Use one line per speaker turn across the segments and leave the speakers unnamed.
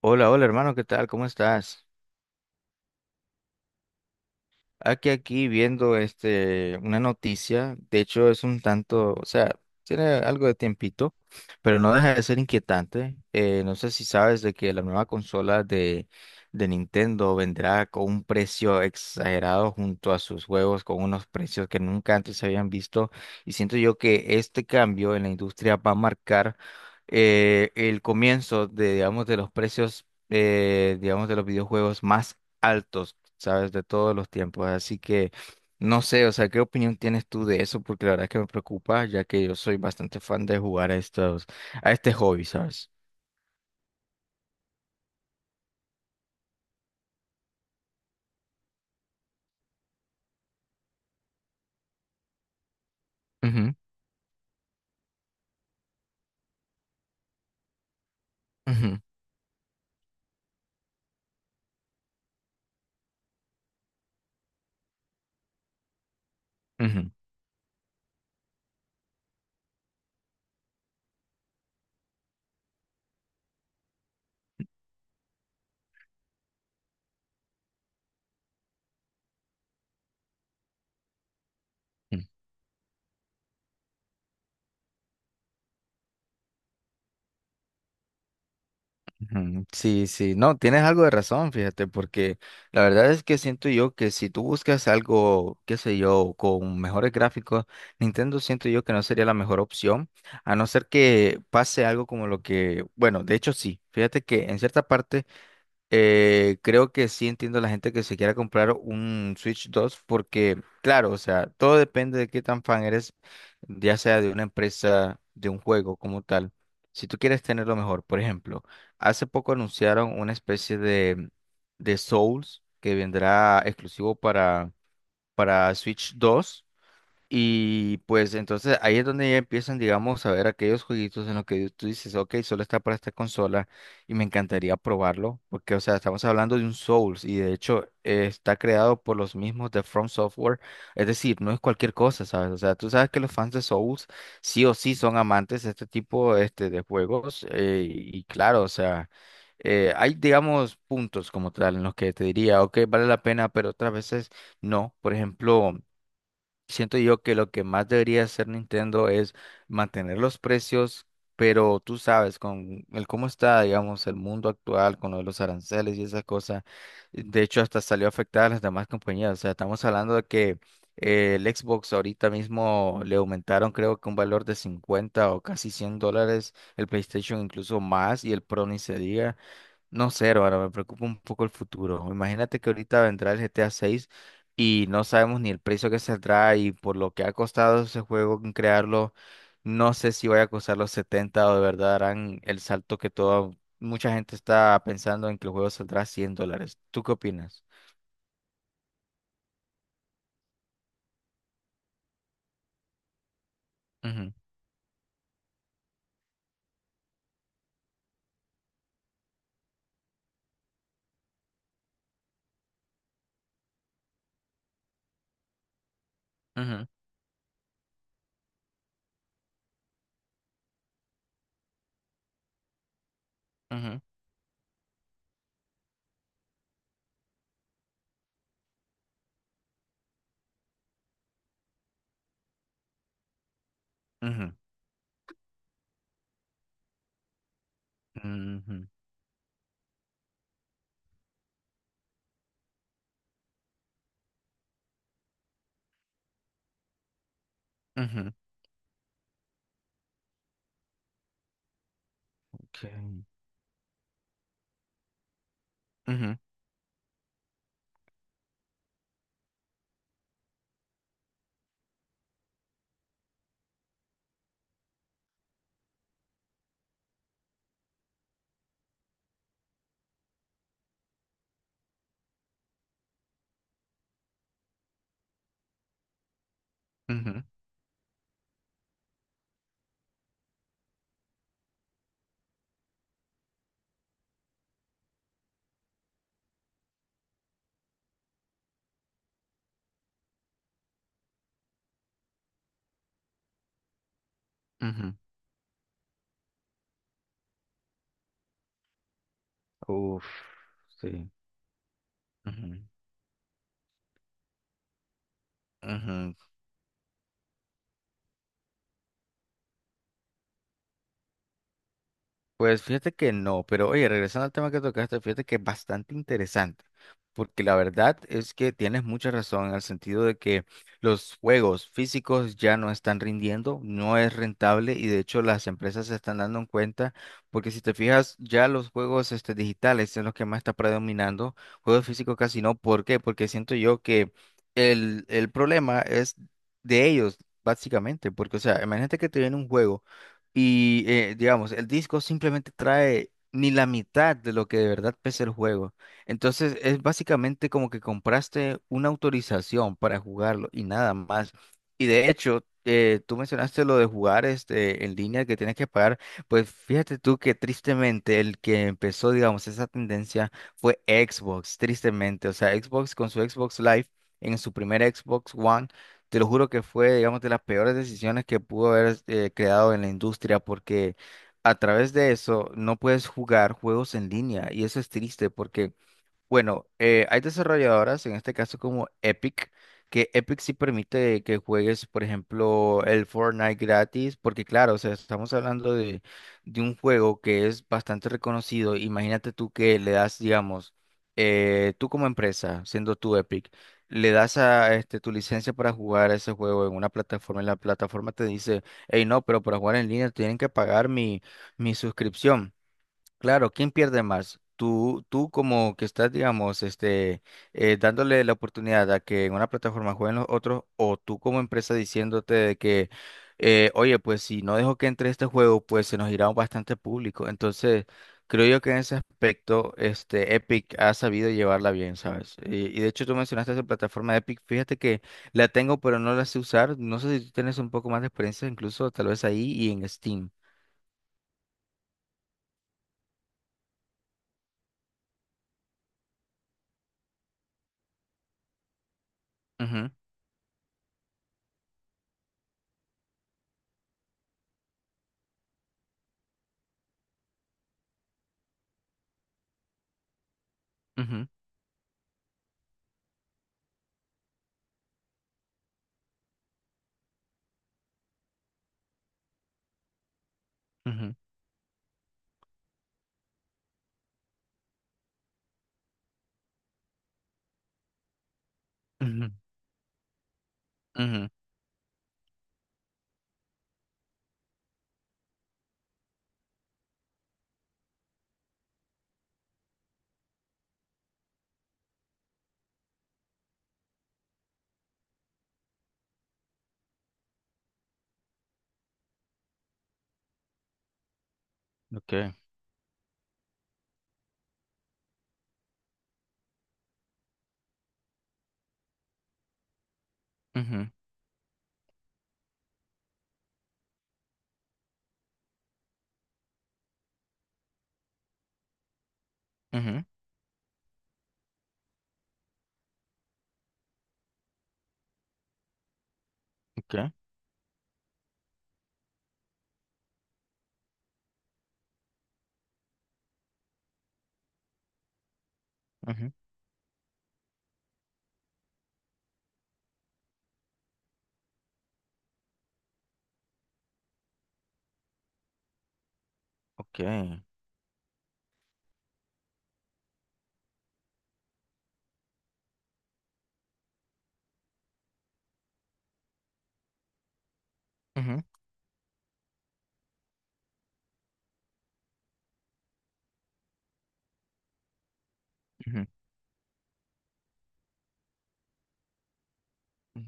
Hola, hola hermano, ¿qué tal? ¿Cómo estás? Aquí viendo este, una noticia, de hecho es un tanto, o sea, tiene algo de tiempito, pero no deja de ser inquietante. No sé si sabes de que la nueva consola de Nintendo vendrá con un precio exagerado junto a sus juegos, con unos precios que nunca antes se habían visto, y siento yo que este cambio en la industria va a marcar el comienzo de, digamos, de los precios. Digamos de los videojuegos más altos, ¿sabes? De todos los tiempos. Así que no sé, o sea, ¿qué opinión tienes tú de eso? Porque la verdad es que me preocupa, ya que yo soy bastante fan de jugar a estos, a este hobby, ¿sabes? Ujú, ujú, ujú, ujú, ujú. Sí, sí, no, tienes algo de razón, fíjate, porque la verdad es que siento yo que si tú buscas algo, qué sé yo, con mejores gráficos, Nintendo siento yo que no sería la mejor opción, a no ser que pase algo como lo que, bueno, de hecho sí, fíjate que en cierta parte creo que sí entiendo a la gente que se quiera comprar un Switch 2 porque, claro, o sea, todo depende de qué tan fan eres, ya sea de una empresa, de un juego como tal. Si tú quieres tenerlo mejor, por ejemplo, hace poco anunciaron una especie de Souls que vendrá exclusivo para Switch 2. Y pues entonces ahí es donde ya empiezan, digamos, a ver aquellos jueguitos en los que tú dices, ok, solo está para esta consola y me encantaría probarlo, porque, o sea, estamos hablando de un Souls y de hecho está creado por los mismos de From Software, es decir, no es cualquier cosa, ¿sabes? O sea, tú sabes que los fans de Souls sí o sí son amantes de este tipo este, de juegos y claro, o sea, hay, digamos, puntos como tal en los que te diría, ok, vale la pena, pero otras veces no, por ejemplo. Siento yo que lo que más debería hacer Nintendo es mantener los precios, pero tú sabes, con el cómo está, digamos, el mundo actual, con lo de los aranceles y esas cosas, de hecho hasta salió afectada a las demás compañías. O sea, estamos hablando de que el Xbox ahorita mismo le aumentaron creo que un valor de 50 o casi 100 dólares, el PlayStation incluso más y el Pro ni se diga. No sé, ahora me preocupa un poco el futuro. Imagínate que ahorita vendrá el GTA 6 y no sabemos ni el precio que saldrá y por lo que ha costado ese juego en crearlo, no sé si vaya a costar los 70 o de verdad harán el salto que toda mucha gente está pensando en que el juego saldrá cien dólares. ¿Tú qué opinas? Ujú, ujú, ujú, ujú, ujú, ujú, ok, ujú, ujú, ujú. Uf, sí. Ujú, ujú. Pues fíjate que no, pero oye, regresando al tema que tocaste, fíjate que es bastante interesante, porque la verdad es que tienes mucha razón en el sentido de que los juegos físicos ya no están rindiendo, no es rentable y de hecho las empresas se están dando en cuenta, porque si te fijas, ya los juegos este, digitales son los que más está predominando, juegos físicos casi no, ¿por qué? Porque siento yo que el problema es de ellos, básicamente, porque o sea, imagínate que te viene un juego. Y digamos, el disco simplemente trae ni la mitad de lo que de verdad pesa el juego. Entonces es básicamente como que compraste una autorización para jugarlo y nada más. Y de hecho, tú mencionaste lo de jugar este, en línea que tienes que pagar. Pues fíjate tú que tristemente el que empezó, digamos, esa tendencia fue Xbox, tristemente. O sea, Xbox con su Xbox Live, en su primer Xbox One. Te lo juro que fue, digamos, de las peores decisiones que pudo haber creado en la industria, porque a través de eso no puedes jugar juegos en línea y eso es triste porque bueno, hay desarrolladoras, en este caso como Epic, que Epic sí permite que juegues, por ejemplo, el Fortnite gratis, porque claro, o sea, estamos hablando de un juego que es bastante reconocido. Imagínate tú que le das, digamos, tú como empresa, siendo tú Epic, le das a este, tu licencia para jugar ese juego en una plataforma y la plataforma te dice, hey, no, pero para jugar en línea tienen que pagar mi suscripción. Claro, ¿quién pierde más? Tú, como que estás, digamos, este, dándole la oportunidad a que en una plataforma jueguen los otros, o tú como empresa diciéndote de que, oye, pues si no dejo que entre este juego, pues se nos irá bastante público. Entonces, creo yo que en ese aspecto, este, Epic ha sabido llevarla bien, ¿sabes? Y de hecho tú mencionaste esa plataforma de Epic, fíjate que la tengo, pero no la sé usar. No sé si tú tienes un poco más de experiencia, incluso tal vez ahí y en Steam. Ujú, ujú, ujú, ujú, ujú. Okay. Ujú, ujú. Okay. Ujú. Okay. Ujú, ujú, ujú.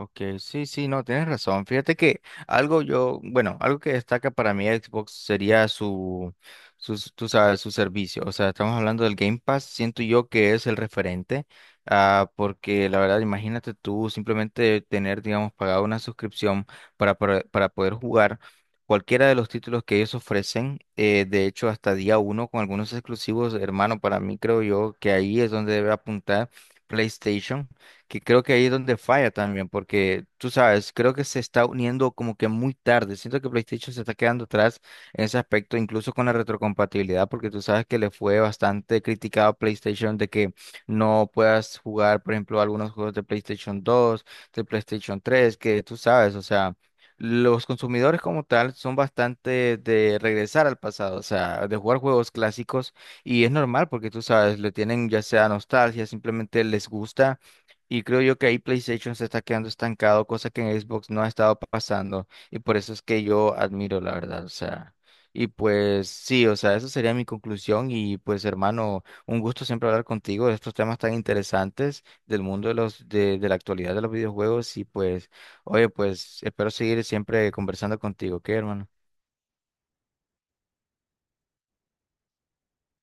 Ok, sí, sí, no, tienes razón. Fíjate que algo yo, bueno, algo que destaca para mí Xbox sería su, sus- tú sabes, su servicio. O sea, estamos hablando del Game Pass, siento yo que es el referente, ah, porque la verdad, imagínate tú simplemente tener, digamos, pagado una suscripción para poder jugar cualquiera de los títulos que ellos ofrecen, de hecho, hasta día uno con algunos exclusivos, hermano, para mí creo yo que ahí es donde debe apuntar PlayStation que creo que ahí es donde falla también, porque tú sabes, creo que se está uniendo como que muy tarde. Siento que PlayStation se está quedando atrás en ese aspecto, incluso con la retrocompatibilidad, porque tú sabes que le fue bastante criticado a PlayStation de que no puedas jugar, por ejemplo, algunos juegos de PlayStation 2, de PlayStation 3, que tú sabes, o sea. Los consumidores como tal son bastante de regresar al pasado, o sea, de jugar juegos clásicos y es normal porque tú sabes, le tienen ya sea nostalgia, simplemente les gusta y creo yo que ahí PlayStation se está quedando estancado, cosa que en Xbox no ha estado pasando. Y por eso es que yo admiro, la verdad. O sea, y pues sí, o sea, esa sería mi conclusión. Y pues, hermano, un gusto siempre hablar contigo de estos temas tan interesantes del mundo de los, de la actualidad de los videojuegos. Y pues, oye, pues espero seguir siempre conversando contigo, ¿ok, hermano?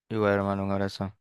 Igual, hermano, un abrazo.